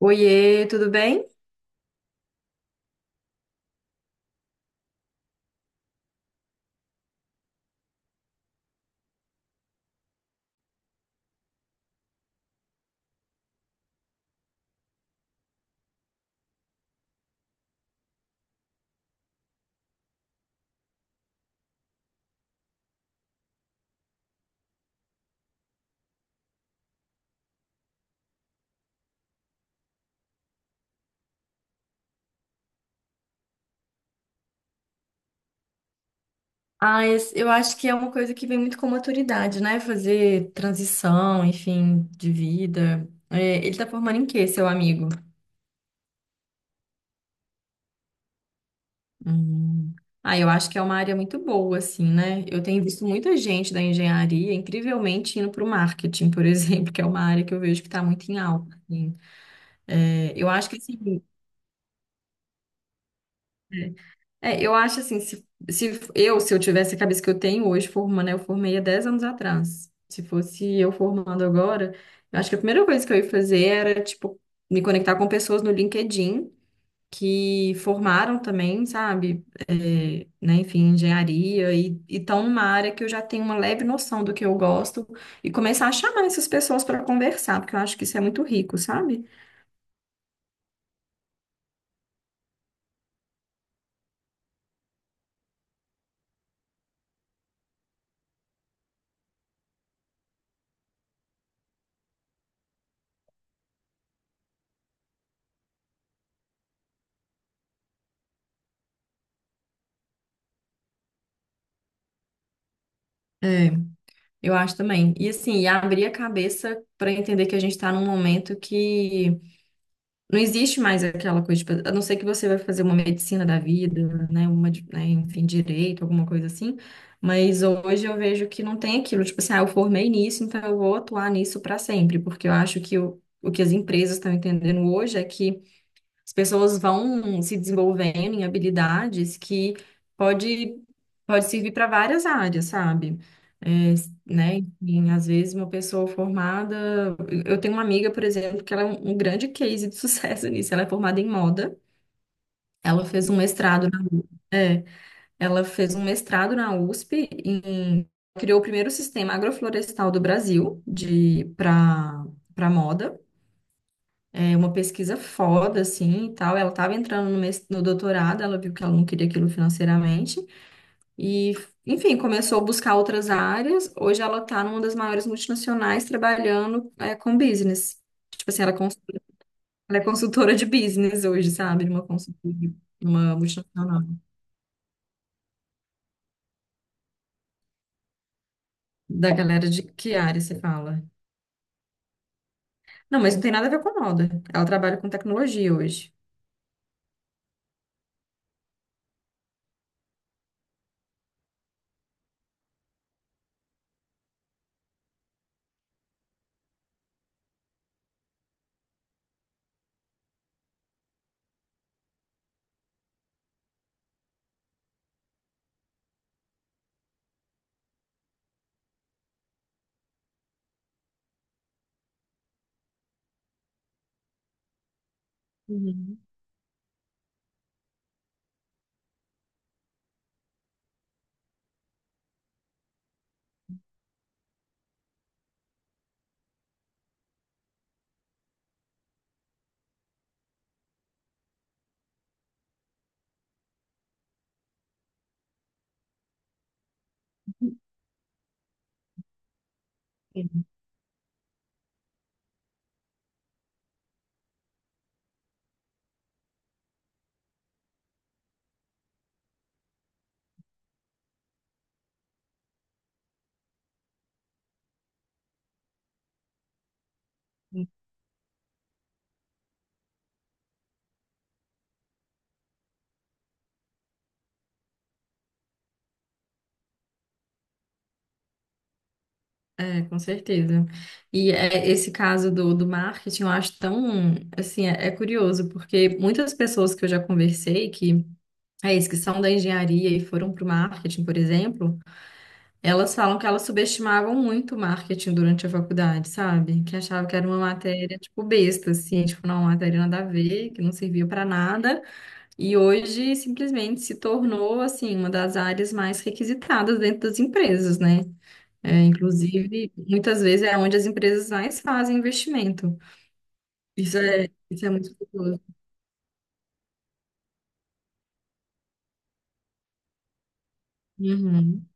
Oiê, tudo bem? Eu acho que é uma coisa que vem muito com maturidade, né? Fazer transição, enfim, de vida. É, ele tá formando em quê, seu amigo? Hum. Ah, eu acho que é uma área muito boa, assim, né? Eu tenho visto muita gente da engenharia, incrivelmente, indo para o marketing, por exemplo, que é uma área que eu vejo que está muito em alta, assim. É, eu acho que, assim, é, É, eu acho assim, se eu tivesse a cabeça que eu tenho hoje, formando, eu formei há 10 anos atrás. Se fosse eu formando agora, eu acho que a primeira coisa que eu ia fazer era, tipo, me conectar com pessoas no LinkedIn que formaram também, sabe? É, né, enfim, engenharia, e estão numa área que eu já tenho uma leve noção do que eu gosto, e começar a chamar essas pessoas para conversar, porque eu acho que isso é muito rico, sabe? É, eu acho também. E assim, e abrir a cabeça para entender que a gente está num momento que não existe mais aquela coisa, tipo, a não ser que você vai fazer uma medicina da vida, né, uma, né, enfim, direito, alguma coisa assim. Mas hoje eu vejo que não tem aquilo, tipo assim, ah, eu formei nisso, então eu vou atuar nisso para sempre, porque eu acho que o que as empresas estão entendendo hoje é que as pessoas vão se desenvolvendo em habilidades que pode, pode servir para várias áreas, sabe? É, né? Enfim, às vezes uma pessoa formada. Eu tenho uma amiga, por exemplo, que ela é um grande case de sucesso nisso. Ela é formada em moda. Ela fez um mestrado na, é, ela fez um mestrado na USP em criou o primeiro sistema agroflorestal do Brasil de para para moda. É uma pesquisa foda, assim, e tal. Ela estava entrando no, no doutorado, ela viu que ela não queria aquilo financeiramente. E, enfim, começou a buscar outras áreas. Hoje ela está numa das maiores multinacionais trabalhando, é, com business. Tipo assim, ela, ela é consultora de business hoje, sabe? Uma consultora, uma multinacional. Da galera de que área você fala? Não, mas não tem nada a ver com moda. Ela trabalha com tecnologia hoje. Uhum. É, com certeza. E é, esse caso do, do marketing, eu acho tão, assim, é curioso, porque muitas pessoas que eu já conversei, que é isso, que são da engenharia e foram para o marketing, por exemplo, elas falam que elas subestimavam muito o marketing durante a faculdade, sabe? Que achavam que era uma matéria, tipo, besta, assim, tipo, não, uma matéria nada a ver, que não servia para nada, e hoje simplesmente se tornou, assim, uma das áreas mais requisitadas dentro das empresas, né? É, inclusive, muitas vezes é onde as empresas mais fazem investimento. Isso é muito perigoso. Uhum.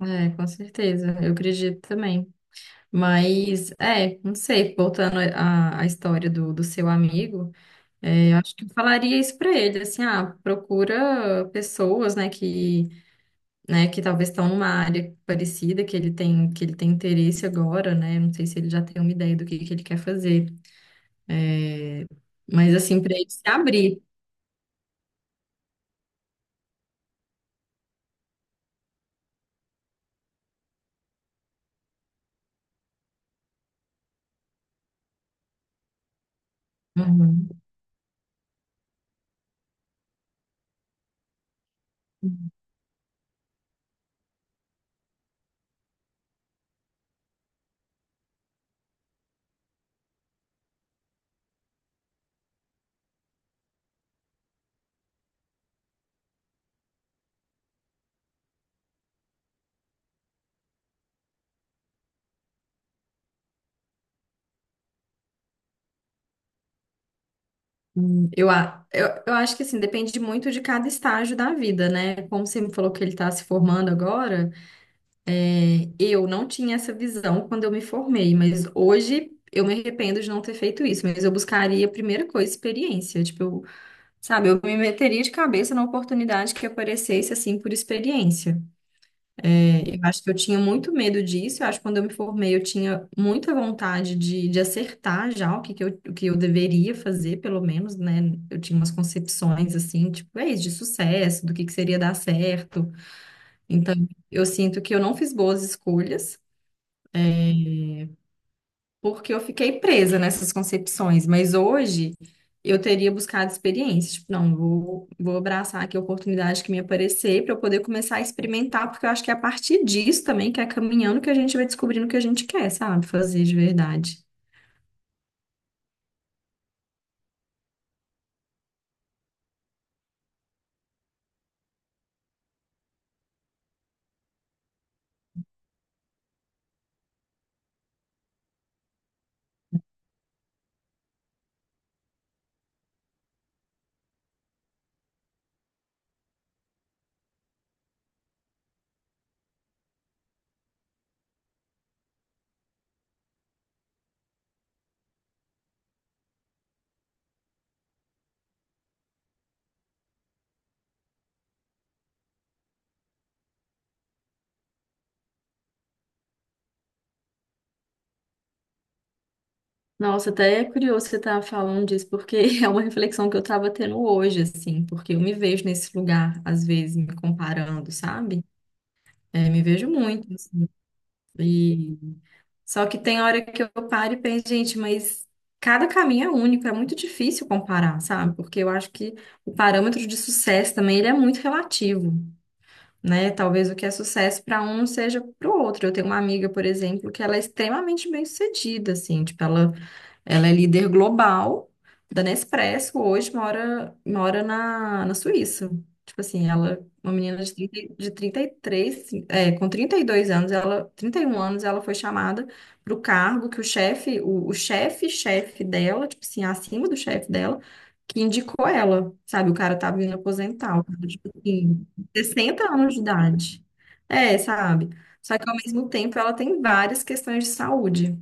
Com certeza, eu acredito também. Mas, é, não sei, voltando à história do seu amigo, é, eu acho que eu falaria isso para ele, assim, ah, procura pessoas, né, que talvez estão numa área parecida, que ele tem interesse agora, né, não sei se ele já tem uma ideia que ele quer fazer. É, mas assim, para ele se abrir. Uhum. Eu acho que assim, depende muito de cada estágio da vida, né? Como você me falou que ele está se formando agora, é, eu não tinha essa visão quando eu me formei, mas hoje eu me arrependo de não ter feito isso. Mas eu buscaria, primeira coisa, experiência. Sabe, eu me meteria de cabeça na oportunidade que aparecesse assim por experiência. Eu acho que eu tinha muito medo disso. Eu acho que quando eu me formei, eu tinha muita vontade de acertar já o que eu deveria fazer, pelo menos, né? Eu tinha umas concepções, assim, tipo, é isso, de sucesso, que seria dar certo. Então, eu sinto que eu não fiz boas escolhas. É, porque eu fiquei presa nessas concepções, mas hoje eu teria buscado experiência. Tipo, não, vou abraçar aqui a oportunidade que me aparecer para eu poder começar a experimentar, porque eu acho que é a partir disso também, que é caminhando, que a gente vai descobrindo o que a gente quer, sabe? Fazer de verdade. Nossa, até é curioso você estar falando disso, porque é uma reflexão que eu estava tendo hoje, assim, porque eu me vejo nesse lugar, às vezes, me comparando, sabe? É, me vejo muito, assim, Só que tem hora que eu paro e penso, gente, mas cada caminho é único, é muito difícil comparar, sabe? Porque eu acho que o parâmetro de sucesso também ele é muito relativo, né? Talvez o que é sucesso para um seja para o outro. Eu tenho uma amiga, por exemplo, que ela é extremamente bem-sucedida, assim, tipo, ela é líder global da Nespresso, hoje mora na Suíça. Tipo assim, ela, é uma menina de 30, de 33, é, com 32 anos, ela, 31 anos, ela foi chamada para o cargo que o chefe, chefe dela, tipo assim, acima do chefe dela, que indicou ela, sabe? O cara tava vindo aposentar, o cara, tipo assim, 60 anos de idade. É, sabe? Só que ao mesmo tempo ela tem várias questões de saúde,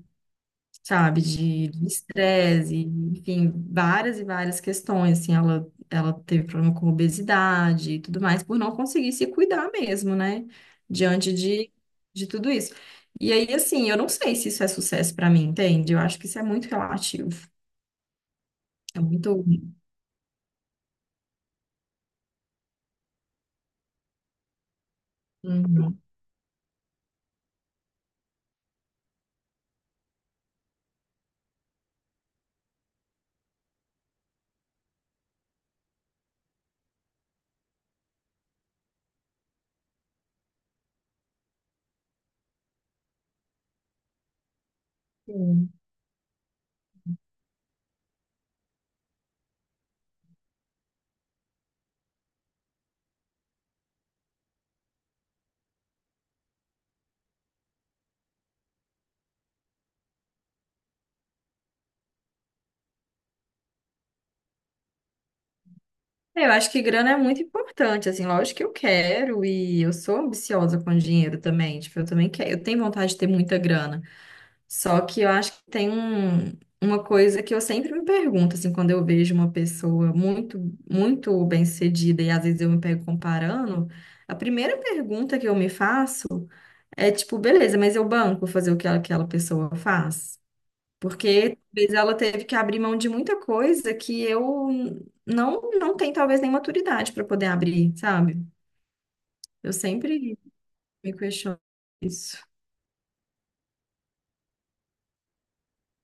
sabe, de estresse, enfim, várias e várias questões, assim, ela teve problema com obesidade e tudo mais, por não conseguir se cuidar mesmo, né, diante de tudo isso. E aí, assim, eu não sei se isso é sucesso pra mim, entende? Eu acho que isso é muito relativo, é muito... Uhum. Sim. É, eu acho que grana é muito importante, assim, lógico que eu quero e eu sou ambiciosa com dinheiro também, tipo, eu também quero, eu tenho vontade de ter muita grana. Só que eu acho que tem um, uma coisa que eu sempre me pergunto, assim, quando eu vejo uma pessoa muito, muito bem-sucedida e às vezes eu me pego comparando, a primeira pergunta que eu me faço é tipo, beleza, mas eu banco fazer o que aquela pessoa faz? Porque talvez ela teve que abrir mão de muita coisa que eu não, não tenho talvez nem maturidade para poder abrir, sabe? Eu sempre me questiono isso.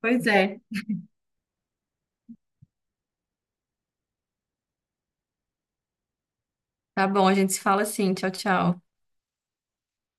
Pois é. Tá bom, a gente se fala assim. Tchau, tchau.